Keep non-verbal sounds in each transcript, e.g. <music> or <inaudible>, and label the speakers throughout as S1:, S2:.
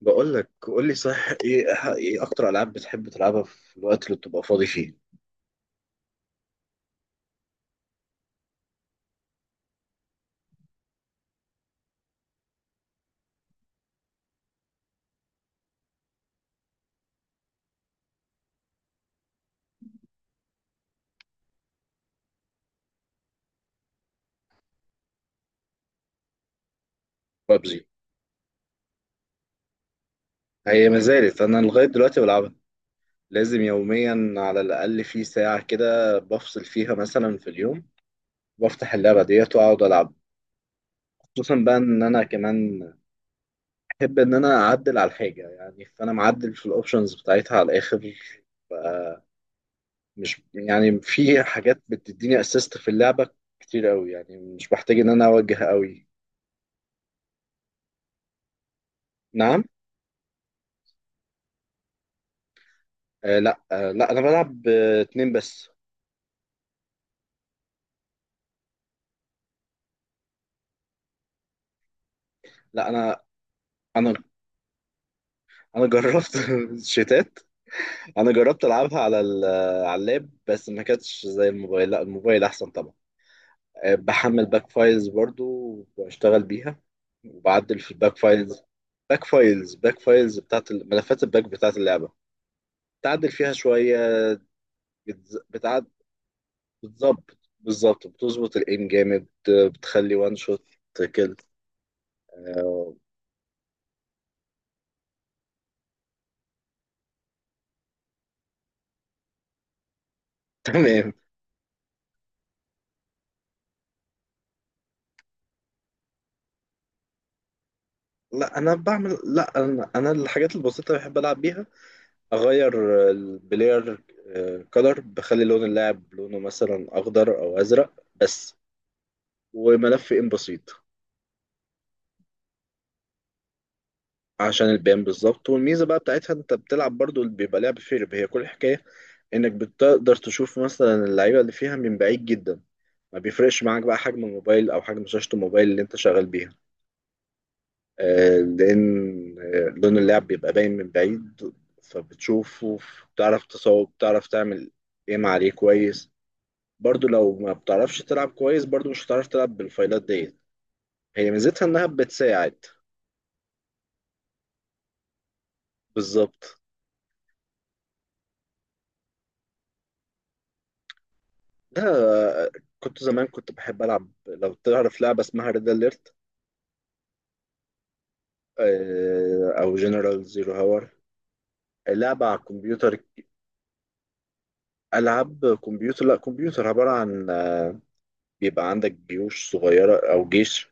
S1: بقول لك قول لي صح ايه. ايه اكتر العاب بتحب تلعبها في الوقت اللي بتبقى فاضي فيه؟ بابجي. هي ما زالت انا لغايه دلوقتي بلعبها، لازم يوميا على الاقل في ساعه كده بفصل فيها مثلا في اليوم. بفتح اللعبه ديت واقعد العب. خصوصا بقى ان انا كمان احب ان انا اعدل على الحاجه، يعني فانا معدل في الاوبشنز بتاعتها على الاخر. مش يعني في حاجات بتديني اسيست في اللعبه كتير قوي، يعني مش بحتاج ان انا اوجه قوي. نعم. لا، انا بلعب اتنين بس. لا انا انا انا جربت <laughs> شيتات. انا جربت العبها على على اللاب، بس ما كانتش زي الموبايل، لا الموبايل احسن طبعا. بحمل باك فايلز برضو، وبشتغل بيها، وبعدل في الباك فايلز. باك فايلز بتاعت ملفات الباك بتاعت اللعبة، تعدل فيها شوية. بتز... بتعد... بتظبط بالظبط، بتظبط الايم جامد، بتخلي وان شوت كده. <laughs> تمام. لا انا بعمل لا انا انا الحاجات البسيطه اللي بحب العب بيها، اغير البلاير كولر، بخلي لون اللاعب لونه مثلا اخضر او ازرق بس، وملف ان بسيط. عشان البيان بالظبط. والميزه بقى بتاعتها، انت بتلعب برضو اللي بيبقى لعب فيرب، هي كل الحكايه انك بتقدر تشوف مثلا اللعيبه اللي فيها من بعيد جدا. ما بيفرقش معاك بقى حجم الموبايل او حجم شاشه الموبايل اللي انت شغال بيها، لأن لون اللعب بيبقى باين من بعيد، فبتشوفه، بتعرف تصوب، بتعرف تعمل ايم عليه كويس. برضو لو ما بتعرفش تلعب كويس، برضو مش هتعرف تلعب بالفايلات ديت، هي ميزتها انها بتساعد. بالظبط. ده آه، كنت زمان، كنت بحب العب، لو تعرف لعبة اسمها ريد اليرت او جنرال زيرو هاور. لعبة على الكمبيوتر. العاب كمبيوتر، لا كمبيوتر عبارة عن بيبقى عندك جيوش صغيرة او جيش،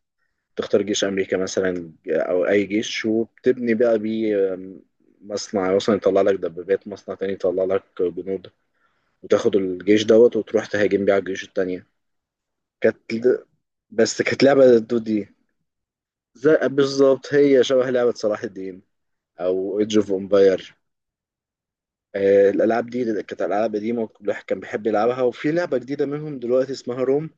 S1: تختار جيش أمريكا مثلا أو أي جيش، وبتبني بقى بيه مصنع مثلا يطلع لك دبابات، مصنع تاني يطلع لك جنود، وتاخد الجيش دوت وتروح تهاجم بيه على الجيوش التانية. كانت، بس كانت لعبة ضد دي. زي بالظبط، هي شبه لعبة صلاح الدين أو ايدج اوف امباير. الألعاب دي كانت ألعاب قديمة، الواحد كان بيحب يلعبها، وفي لعبة جديدة منهم دلوقتي اسمها روم،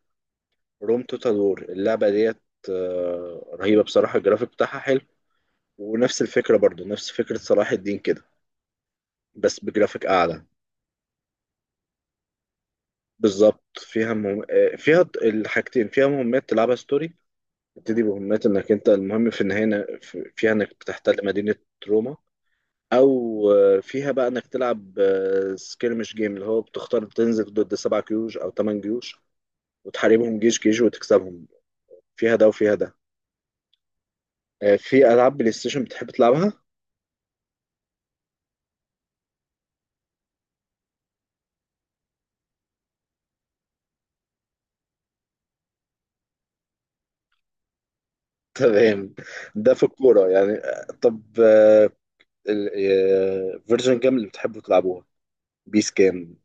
S1: روم توتال وور اللعبة ديت، رهيبة بصراحة. الجرافيك بتاعها حلو ونفس الفكرة، برضو نفس فكرة صلاح الدين كده، بس بجرافيك أعلى. بالظبط، فيها مهم... آه، فيها ت- الحاجتين، فيها مهمات تلعبها ستوري، تبتدي بمهمات إنك أنت المهم في النهاية، فيها إنك بتحتل مدينة روما أو فيها بقى إنك تلعب سكيرمش جيم، اللي هو بتختار تنزل ضد سبع جيوش أو تمن جيوش وتحاربهم جيش جيش وتكسبهم. فيها ده وفيها ده. في ألعاب بلاي ستيشن بتحب تلعبها؟ <laughs> تمام. ده في الكورة يعني. آه، طب آه، فيرجن جيم اللي بتحبوا تلعبوها، بيس كام؟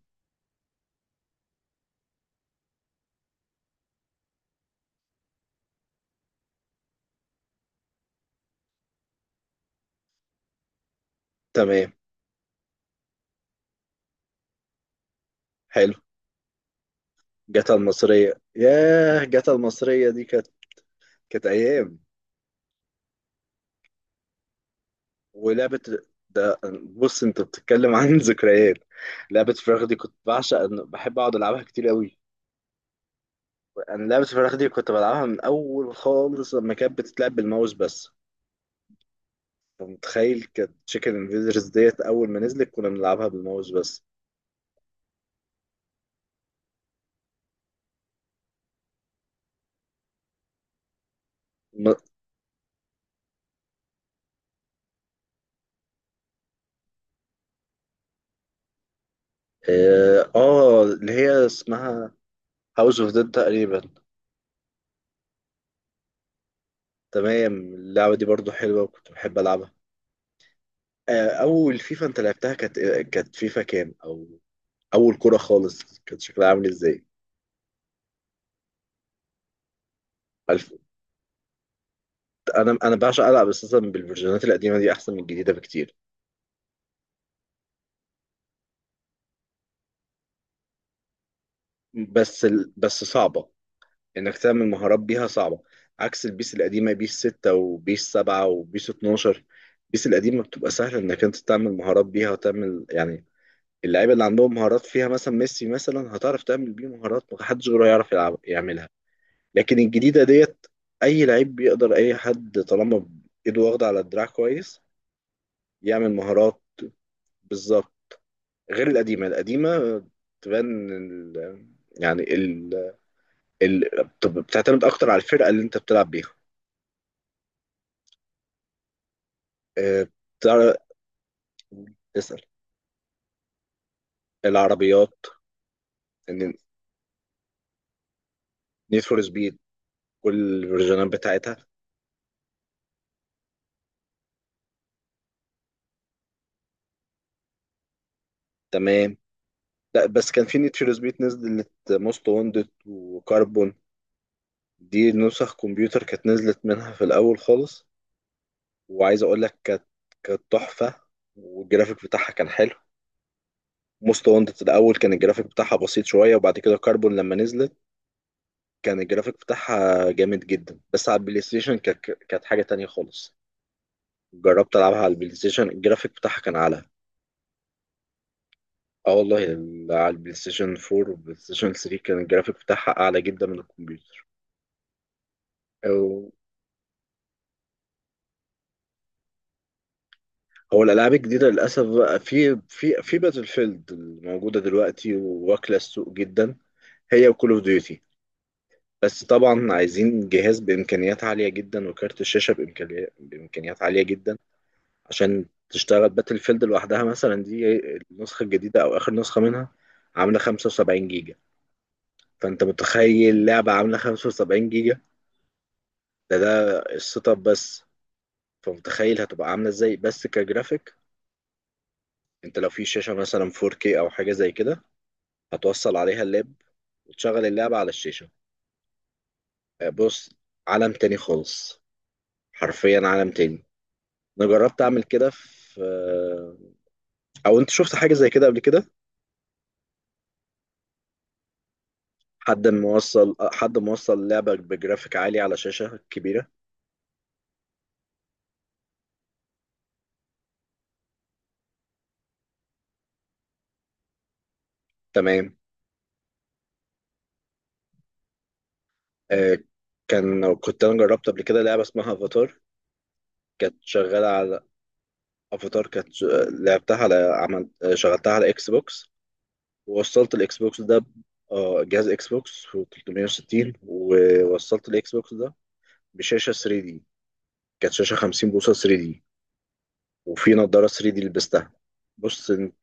S1: تمام. حلو. جاتا المصرية، ياه جاتا المصرية دي كانت، كانت أيام. ولعبة، ده بص أنت بتتكلم عن <laughs> ذكريات. لعبة فراخ دي كنت بعشق، بحب أقعد ألعبها كتير قوي. أنا لعبة فراخ دي كنت بلعبها من أول خالص، لما كانت بتتلعب بالماوس بس. أنت متخيل؟ كانت تشيكن انفيدرز ديت، أول ما نزلت كنا بنلعبها بالماوس بس. م... آه آه، اللي هي اسمها هاوس اوف ديد تقريبا. تمام، اللعبة دي برضو حلوة وكنت بحب ألعبها. أول فيفا أنت لعبتها كانت إيه؟ كانت فيفا كام، أو أول كرة خالص كانت شكلها عامل إزاي؟ ألف... أنا بعشق ألعب أساسا بالفيرجنات القديمة دي، أحسن من الجديدة بكتير. بس صعبة إنك تعمل مهارات بيها، صعبة عكس البيس القديمة، بيس 6 وبيس 7 وبيس 12. البيس القديمة بتبقى سهلة إنك أنت تعمل مهارات بيها وتعمل يعني، اللعيبة اللي عندهم مهارات فيها مثلا، ميسي مثلا هتعرف تعمل بيه مهارات محدش غيره يعرف يلعب يعملها. لكن الجديده ديت، اي لعيب بيقدر، اي حد طالما ايده واخده على الدراع كويس يعمل مهارات. بالظبط. غير القديمه القديمه تبان ال... يعني ال... ال... بتب- بتعتمد اكتر على الفرقه اللي انت بتلعب بيها. آه، بتعرف تسال. العربيات. ان، نيد فور سبيد، كل الفيرجنات بتاعتها. تمام. لا بس كان في نيد فور سبيد نزلت موست واندد وكاربون، دي نسخ كمبيوتر كانت نزلت منها في الاول خالص، وعايز اقول لك كانت، كانت تحفه، والجرافيك بتاعها كان حلو. موست وانتد الاول كان الجرافيك بتاعها بسيط شويه، وبعد كده كاربون لما نزلت كان الجرافيك بتاعها جامد جدا. بس على البلاي ستيشن كانت، كانت حاجه تانية خالص. جربت العبها على البلاي ستيشن الجرافيك بتاعها كان اعلى. اه والله، على البلاي ستيشن 4 والبلاي ستيشن 3 كان الجرافيك بتاعها اعلى جدا من الكمبيوتر. أو- هو الالعاب الجديده للاسف بقى، في باتل فيلد الموجوده دلوقتي واكله السوق جدا، هي وكول اوف ديوتي. بس طبعا عايزين جهاز بإمكانيات عالية جدا وكارت الشاشة بإمكانيات عالية جدا عشان تشتغل باتل فيلد لوحدها مثلا. دي النسخة الجديدة أو آخر نسخة منها عاملة 75 جيجا. فأنت متخيل لعبة عاملة 75 جيجا؟ ده السيت اب بس. فمتخيل هتبقى عاملة ازاي بس كجرافيك. انت لو في شاشة مثلا 4K أو حاجة زي كده، هتوصل عليها اللاب وتشغل اللعبة على الشاشة. بص، عالم تاني خالص، حرفيا عالم تاني. انا جربت اعمل كده في، او انت شفت حاجه زي كده قبل كده؟ حد موصل لعبه بجرافيك عالي على شاشه كبيره. تمام. آه، كنت انا جربت قبل كده لعبه اسمها افاتار. كانت شغاله على، افاتار، لعبتها على، عملت شغلتها على اكس بوكس، ووصلت الاكس بوكس ده جهاز اكس بوكس و 360، ووصلت الاكس بوكس ده بشاشه 3 دي، كانت شاشه 50 بوصه 3 دي، وفي نظارة 3 دي لبستها. بص انت،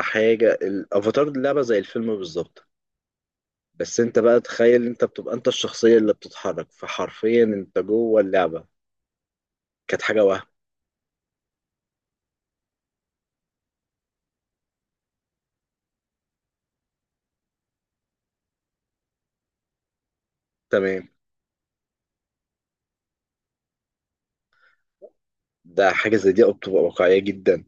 S1: حاجة الافاتار دي لعبة زي الفيلم بالظبط، بس انت بقى تخيل انت بتبقى انت الشخصية اللي بتتحرك، فحرفيا انت جوه اللعبة. كانت حاجة وهم. تمام. ده حاجة زي دي بتبقى واقعية جدا.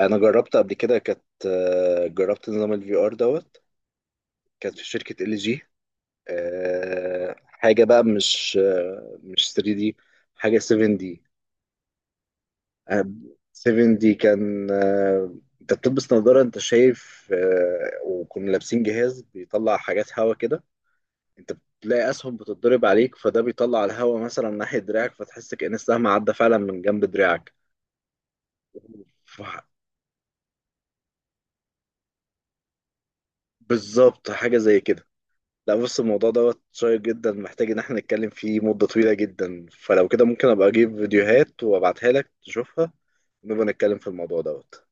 S1: انا جربت قبل كده، كانت جربت نظام الفي ار دوت، كانت في شركة ال جي. حاجة بقى مش 3 دي، حاجة 7 دي. 7 دي كان، انت بتلبس نظارة انت شايف، وكنا لابسين جهاز بيطلع حاجات هوا كده. انت بتلاقي اسهم بتتضرب عليك، فده بيطلع الهوا مثلا ناحية دراعك، فتحس كأن السهم عدى فعلا من جنب دراعك. ف- بالظبط حاجة زي كده. لا بص، الموضوع دوت شيق جدا، محتاج ان احنا نتكلم فيه مدة طويلة جدا، فلو كده ممكن ابقى اجيب فيديوهات وابعتها لك تشوفها، ونبقى نتكلم في الموضوع دوت.